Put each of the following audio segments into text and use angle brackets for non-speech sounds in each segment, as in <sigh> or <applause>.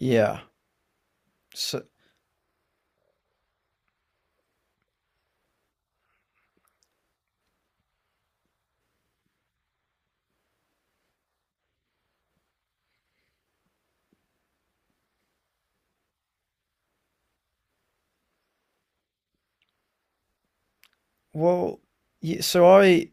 Yeah. So, well, yeah, so I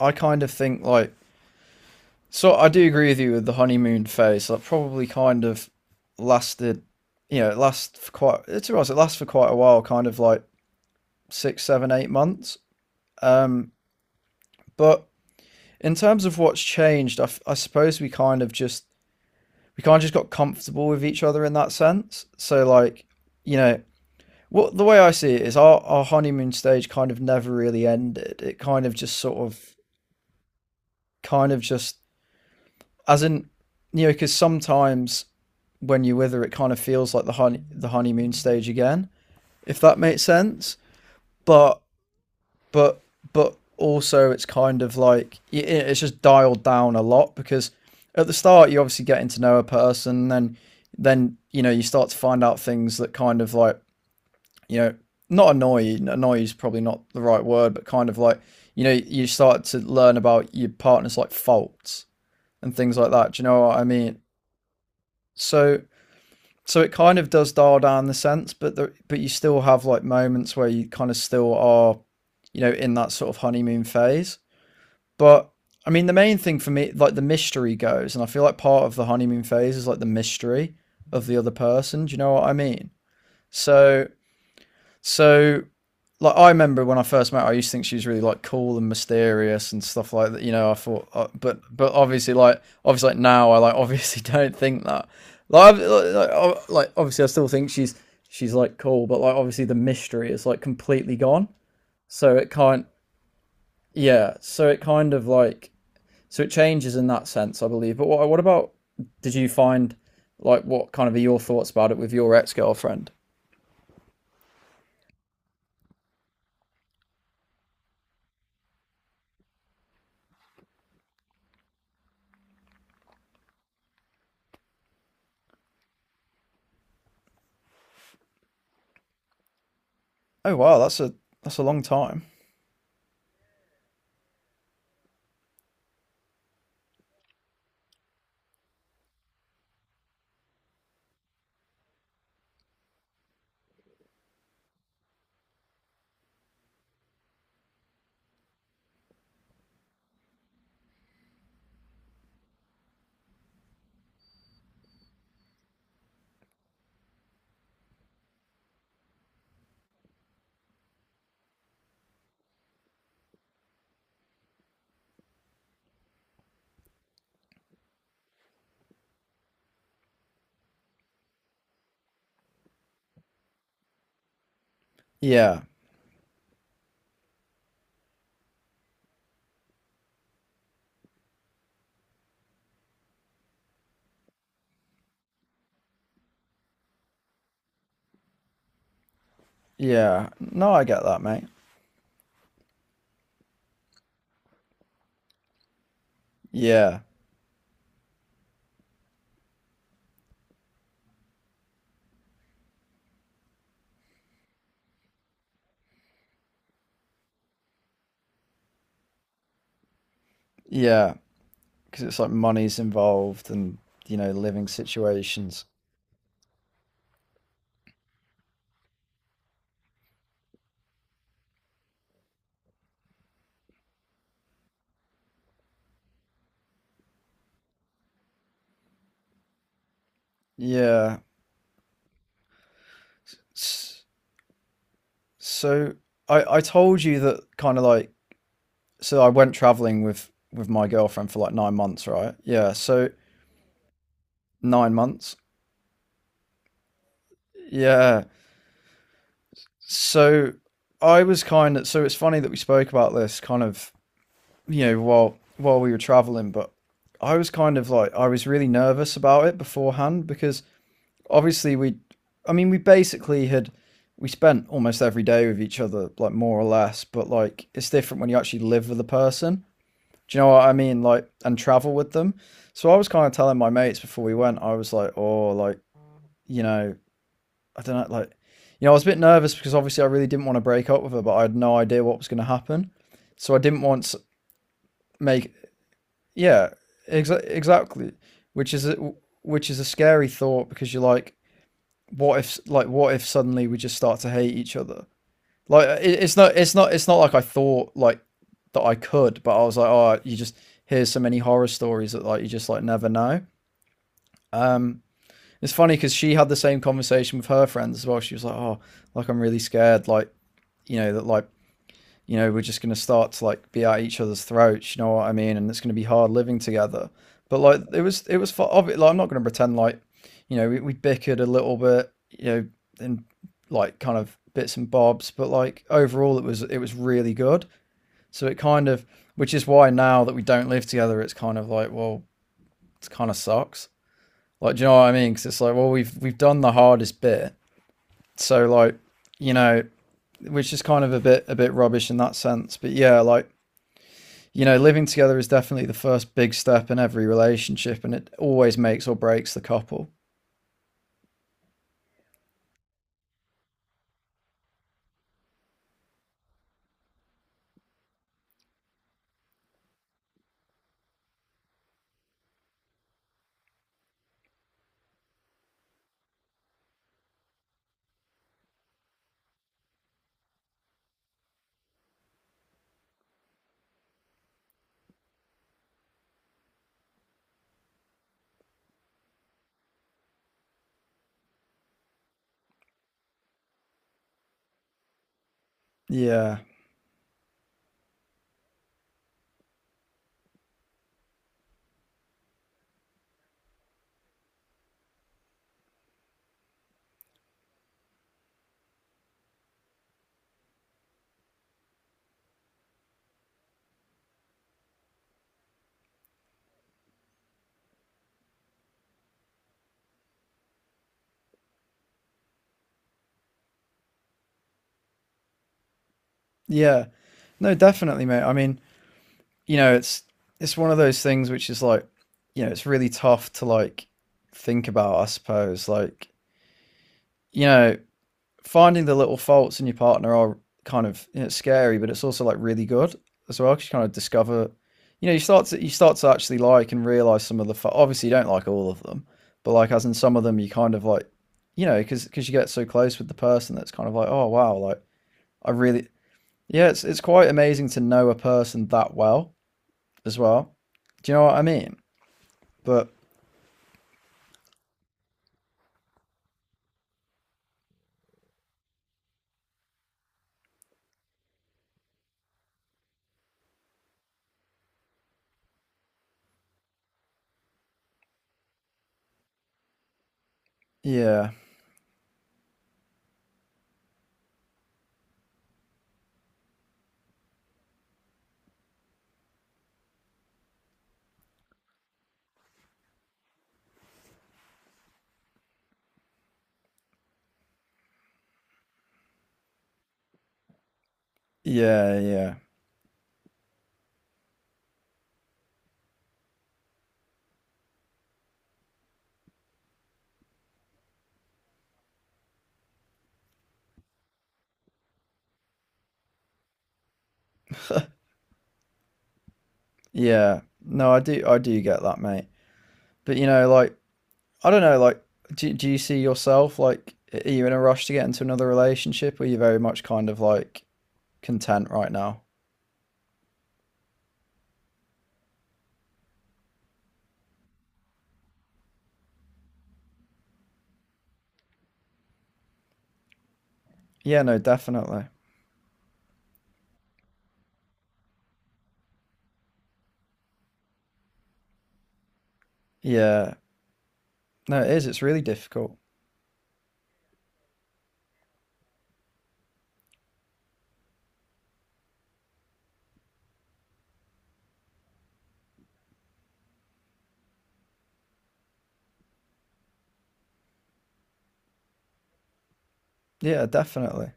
I kind of think like I do agree with you with the honeymoon phase. That probably kind of lasted, you know, it lasts for quite. It's right. It lasts for quite a while, kind of like six, seven, 8 months. Um, but in terms of what's changed, I suppose we kind of just got comfortable with each other in that sense. So like, you know, what the way I see it is our honeymoon stage kind of never really ended. It kind of just sort of kind of just, as in, you know, because sometimes when you're with her, it kind of feels like the honeymoon stage again, if that makes sense. But but but also it's kind of like it's just dialed down a lot, because at the start you're obviously getting to know a person. Then you know, you start to find out things that kind of like, you know, not annoy is probably not the right word, but kind of like, you know, you start to learn about your partner's like faults and things like that, do you know what I mean? So so it kind of does dial down the sense, but but you still have like moments where you kind of still are, you know, in that sort of honeymoon phase. But I mean, the main thing for me, like the mystery goes, and I feel like part of the honeymoon phase is like the mystery of the other person. Do you know what I mean? So so like I remember when I first met her, I used to think she was really like cool and mysterious and stuff like that. You know, I thought, but obviously, like obviously, now I like <laughs> obviously don't think that. Obviously, I still think she's like cool, but like obviously, the mystery is like completely gone. So it can't, yeah. So it kind of like so it changes in that sense, I believe. But what about? Did you find like what kind of are your thoughts about it with your ex girlfriend? Oh wow, that's a long time. Yeah. Yeah. No, I get that, mate. Yeah. Yeah. Because it's like money's involved and, you know, living situations. Yeah. S- So I told you that kind of like so I went traveling with my girlfriend for like 9 months, right? Yeah. So 9 months. Yeah. So I was kind of so it's funny that we spoke about this kind of, you know, while we were traveling, but I was kind of like I was really nervous about it beforehand because obviously we, I mean, we basically had we spent almost every day with each other, like more or less, but like it's different when you actually live with a person, do you know what I mean, like, and travel with them. So I was kind of telling my mates before we went, I was like, oh, like, you know, I don't know, like, you know, I was a bit nervous because obviously I really didn't want to break up with her, but I had no idea what was going to happen. So I didn't want to make, yeah, exactly. Which is a, which is a scary thought, because you're like, what if like what if suddenly we just start to hate each other? Like it's not like I thought like that I could, but I was like, oh, you just hear so many horror stories that like you just like never know. Um, it's funny because she had the same conversation with her friends as well. She was like, oh, like I'm really scared, like you know that like you know, we're just going to start to like be at each other's throats. You know what I mean? And it's going to be hard living together. But like, like, I'm not going to pretend like, you know, we bickered a little bit, you know, in like kind of bits and bobs, but like overall, it was really good. So it kind of, which is why now that we don't live together, it's kind of like, well, it kind of sucks. Like, do you know what I mean? Because it's like, well, we've done the hardest bit, so like, you know, which is kind of a bit rubbish in that sense. But yeah, like, you know, living together is definitely the first big step in every relationship, and it always makes or breaks the couple. Yeah, yeah, no, definitely, mate. I mean, you know, it's one of those things which is like, you know, it's really tough to like think about. I suppose, like, you know, finding the little faults in your partner are kind of, you know, scary, but it's also like really good as well, 'cause you kind of discover, you know, you start to actually like and realize some of the. Obviously, you don't like all of them, but like as in some of them, you kind of like, you know, because you get so close with the person that's kind of like, oh wow, like I really, yeah, it's quite amazing to know a person that well as well. Do you know what I mean? But yeah, yeah, yeah, yeah. No, I do get that, mate. But you know, like I don't know, like, do you see yourself, like, are you in a rush to get into another relationship, or are you very much kind of like content right now? Yeah, no, definitely. Yeah, no, it is. It's really difficult. Yeah, definitely.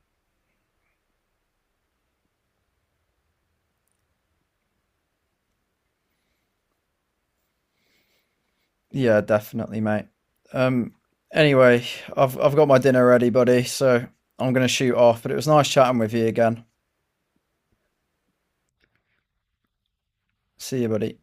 Yeah, definitely, mate. Um, anyway, I've got my dinner ready, buddy, so I'm gonna shoot off, but it was nice chatting with you again. See you, buddy.